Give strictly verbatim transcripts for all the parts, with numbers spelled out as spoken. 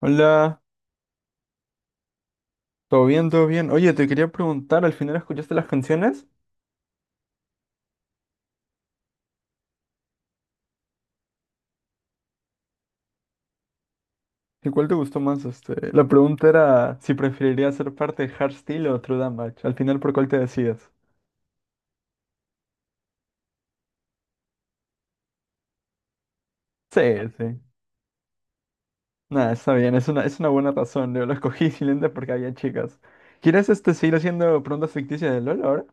Hola, ¿todo bien? ¿Todo bien? Oye, te quería preguntar, ¿al final escuchaste las canciones? ¿Y cuál te gustó más? Este, la pregunta era si preferirías ser parte de Hardstyle o True Damage. Al final, ¿por cuál te decides? Sí, sí. Nada, está bien, es una, es una buena razón. Yo lo escogí simplemente porque había chicas. ¿Quieres este, seguir haciendo preguntas ficticias de LOL ahora?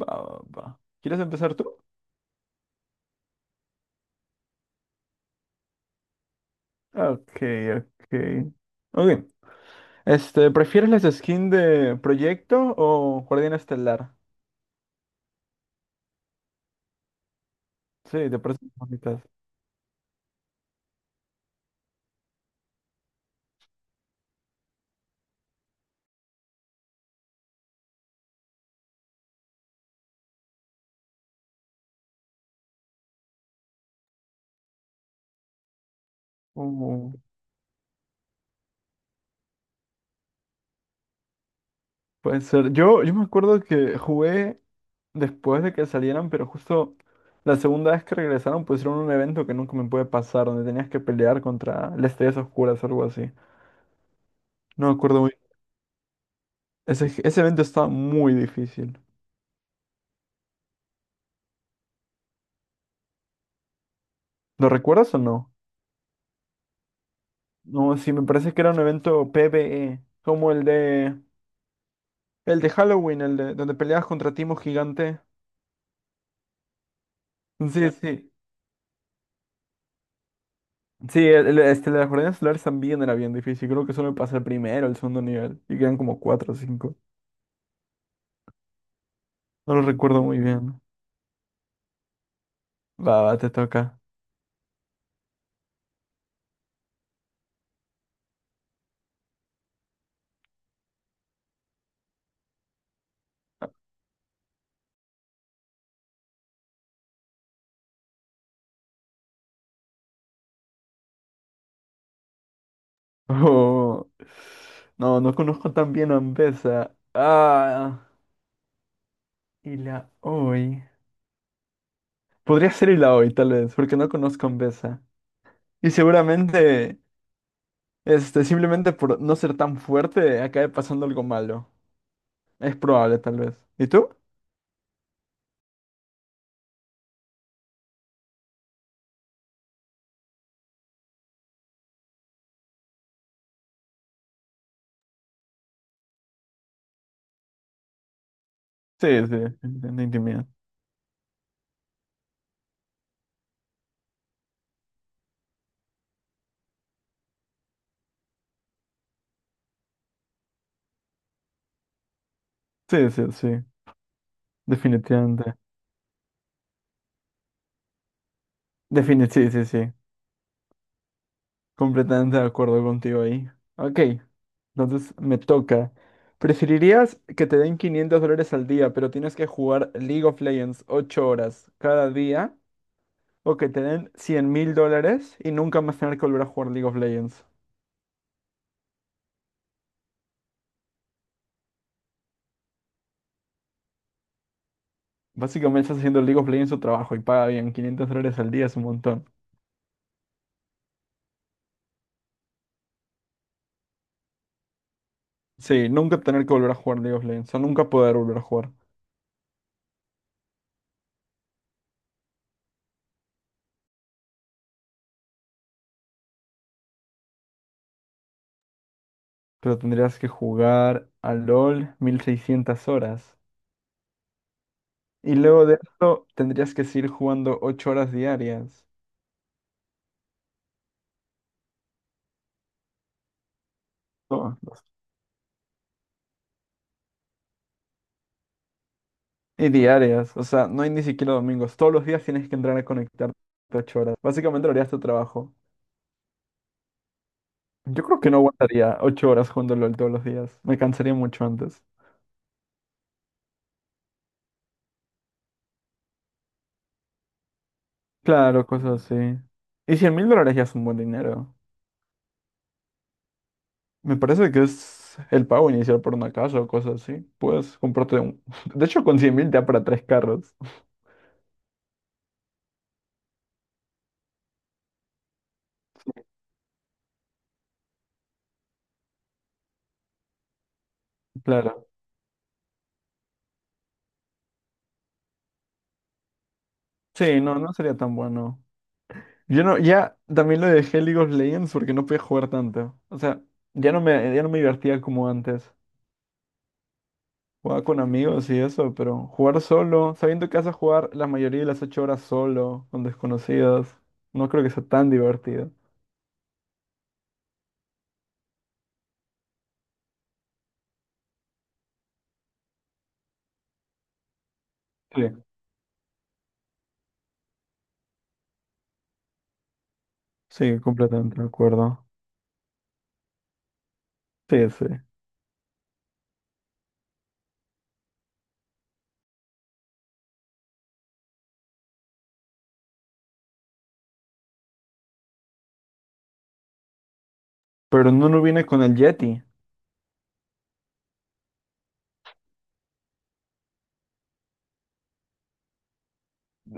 Va, va, va. ¿Quieres empezar tú? Ok, ok. Ok. Este, ¿prefieres las skins de Proyecto o Guardián Estelar? Sí, te parecen bonitas. Uh, Puede ser. Yo, yo me acuerdo que jugué después de que salieran, pero justo la segunda vez que regresaron pusieron un evento que nunca me puede pasar, donde tenías que pelear contra las estrellas oscuras o algo así. No me acuerdo muy. Ese, ese evento estaba muy difícil. ¿Lo recuerdas o no? No, sí, me parece que era un evento PvE, como el de el de Halloween, el de donde peleabas contra Timo Gigante. Sí, sí. Sí, el- el- este, las jornadas solares también era bien difícil. Creo que solo me pasé el primero, el segundo nivel. Y quedan como cuatro o cinco. No lo recuerdo muy bien. Va, va, te toca. Oh, no, no conozco tan bien a Ambesa. Ah, y la hoy. Podría ser y la hoy, tal vez, porque no conozco a Ambesa. Y seguramente, este, simplemente por no ser tan fuerte, acabe pasando algo malo. Es probable, tal vez. ¿Y tú? Sí, sí, definitivamente intimidad. Sí, sí, sí, definitivamente. Define, sí, sí, sí. Completamente de acuerdo contigo ahí. Ok, entonces me toca. ¿Preferirías que te den quinientos dólares al día, pero tienes que jugar League of Legends ocho horas cada día? ¿O que te den cien mil dólares y nunca más tener que volver a jugar League of Legends? Básicamente estás haciendo League of Legends su trabajo y paga bien. Quinientos dólares al día es un montón. Sí, nunca tener que volver a jugar League of Legends. O nunca poder volver a jugar. Pero tendrías que jugar a LOL mil seiscientas horas. Y luego de eso tendrías que seguir jugando ocho horas diarias. Todos los- Y diarias. O sea, no hay ni siquiera domingos. Todos los días tienes que entrar a conectarte ocho horas. Básicamente lo harías tu trabajo. Yo creo que no aguantaría ocho horas jugando LOL todos los días. Me cansaría mucho antes. Claro, cosas así. Y cien mil dólares ya es un buen dinero. Me parece que es el pago inicial por una casa o cosas así. Puedes comprarte un... De hecho, con cien mil te da para tres carros. Claro. Sí, no, no sería tan bueno. Yo no, ya también lo dejé League of Legends porque no podía jugar tanto. O sea, ya no me, ya no me divertía como antes. Jugaba con amigos y eso, pero jugar solo, sabiendo que vas a jugar la mayoría de las ocho horas solo, con desconocidos, no creo que sea tan divertido. Sí, sí, completamente de acuerdo. Sí, sí. Pero no, no viene con el Yeti.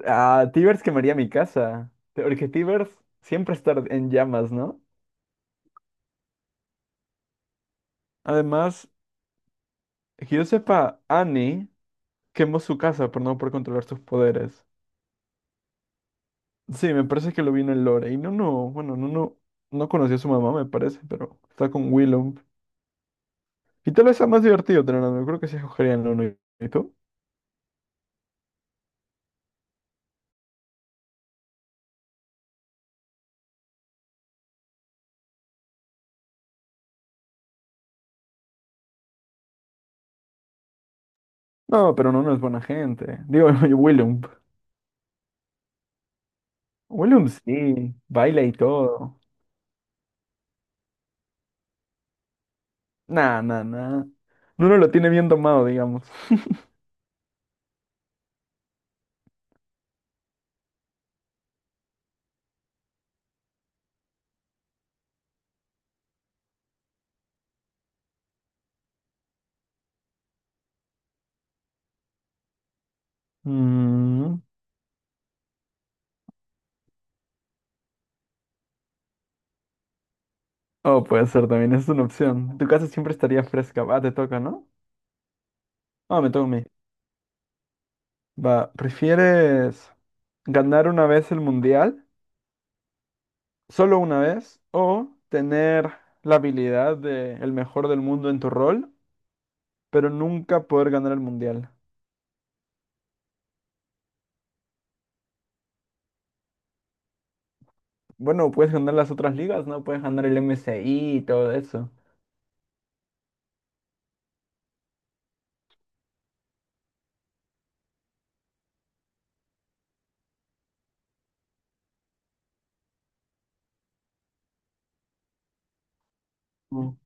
Ah, Tibers quemaría mi casa. Porque Tibers siempre está en llamas, ¿no? Además, que yo sepa, Annie quemó su casa por no poder controlar sus poderes. Sí, me parece que lo vi en el lore. Y no, no, bueno, no, no, no conoció a su mamá, me parece, pero está con Willow. Y tal vez sea más divertido tener. Yo creo que sí escogería. No. ¿Y y tú? No, pero no, no es buena gente. Digo, Willow. Willow sí, baila y todo. Nah, nah, nah. Uno lo tiene bien tomado, digamos. Mm. Oh, puede ser también, es una opción. Tu casa siempre estaría fresca. Va, te toca, ¿no? Ah, me toca a mí. Va, ¿prefieres ganar una vez el mundial? Solo una vez o tener la habilidad de el mejor del mundo en tu rol, pero nunca poder ganar el mundial. Bueno, puedes ganar las otras ligas, ¿no? Puedes ganar el M S I y todo eso. No,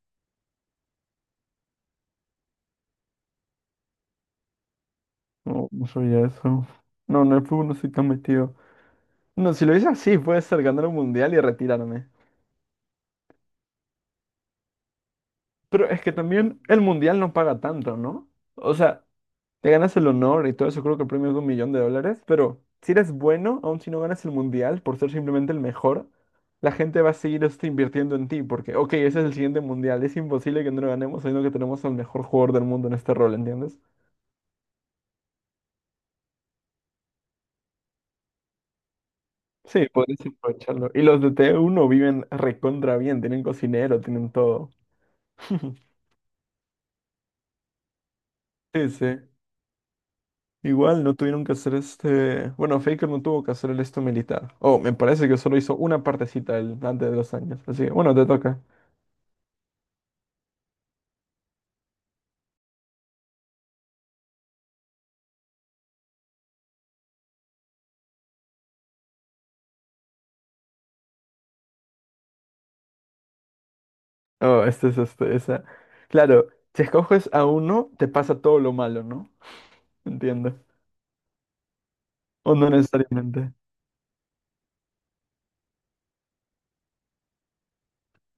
no, no sabía eso. No, no, el fútbol no estoy tan metido. No, si lo hice así, puede ser ganar un mundial y retirarme. Pero es que también el mundial no paga tanto, ¿no? O sea, te ganas el honor y todo eso, creo que el premio es de un millón de dólares, pero si eres bueno, aun si no ganas el mundial por ser simplemente el mejor, la gente va a seguir este, invirtiendo en ti, porque, ok, ese es el siguiente mundial, es imposible que no lo ganemos, sino que tenemos al mejor jugador del mundo en este rol, ¿entiendes? Sí, podrías aprovecharlo. Y los de T uno viven recontra bien, tienen cocinero, tienen todo. Sí, sí. Igual no tuvieron que hacer este. Bueno, Faker no tuvo que hacer el esto militar. Oh, me parece que solo hizo una partecita el... antes de los años. Así que, bueno, te toca. Oh, este es este, esa. Claro, si escoges a uno, te pasa todo lo malo, ¿no? Entiendo. O no necesariamente.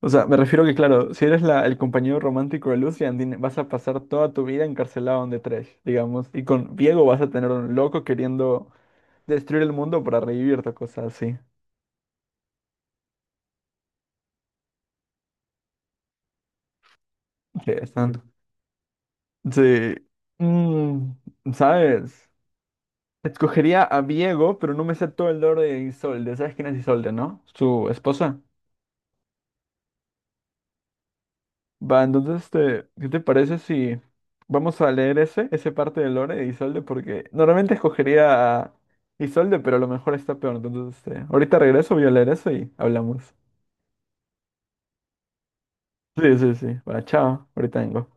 O sea, me refiero que, claro, si eres la, el compañero romántico de Lucian, din- vas a pasar toda tu vida encarcelado en The Trash, digamos. Y con Diego vas a tener un loco queriendo destruir el mundo para revivirte, cosas así. Sí, están- Sí. Mm, ¿sabes? Escogería a Diego, pero no me sé todo el lore de Isolde. ¿Sabes quién es Isolde, no? Su esposa. Va, entonces, este, ¿qué te parece si vamos a leer ese, ese parte de Lore de Isolde? Porque normalmente escogería a Isolde, pero a lo mejor está peor. Entonces, este, ahorita regreso, voy a leer eso y hablamos. Sí, sí, sí. Va, chao. Ahorita vengo.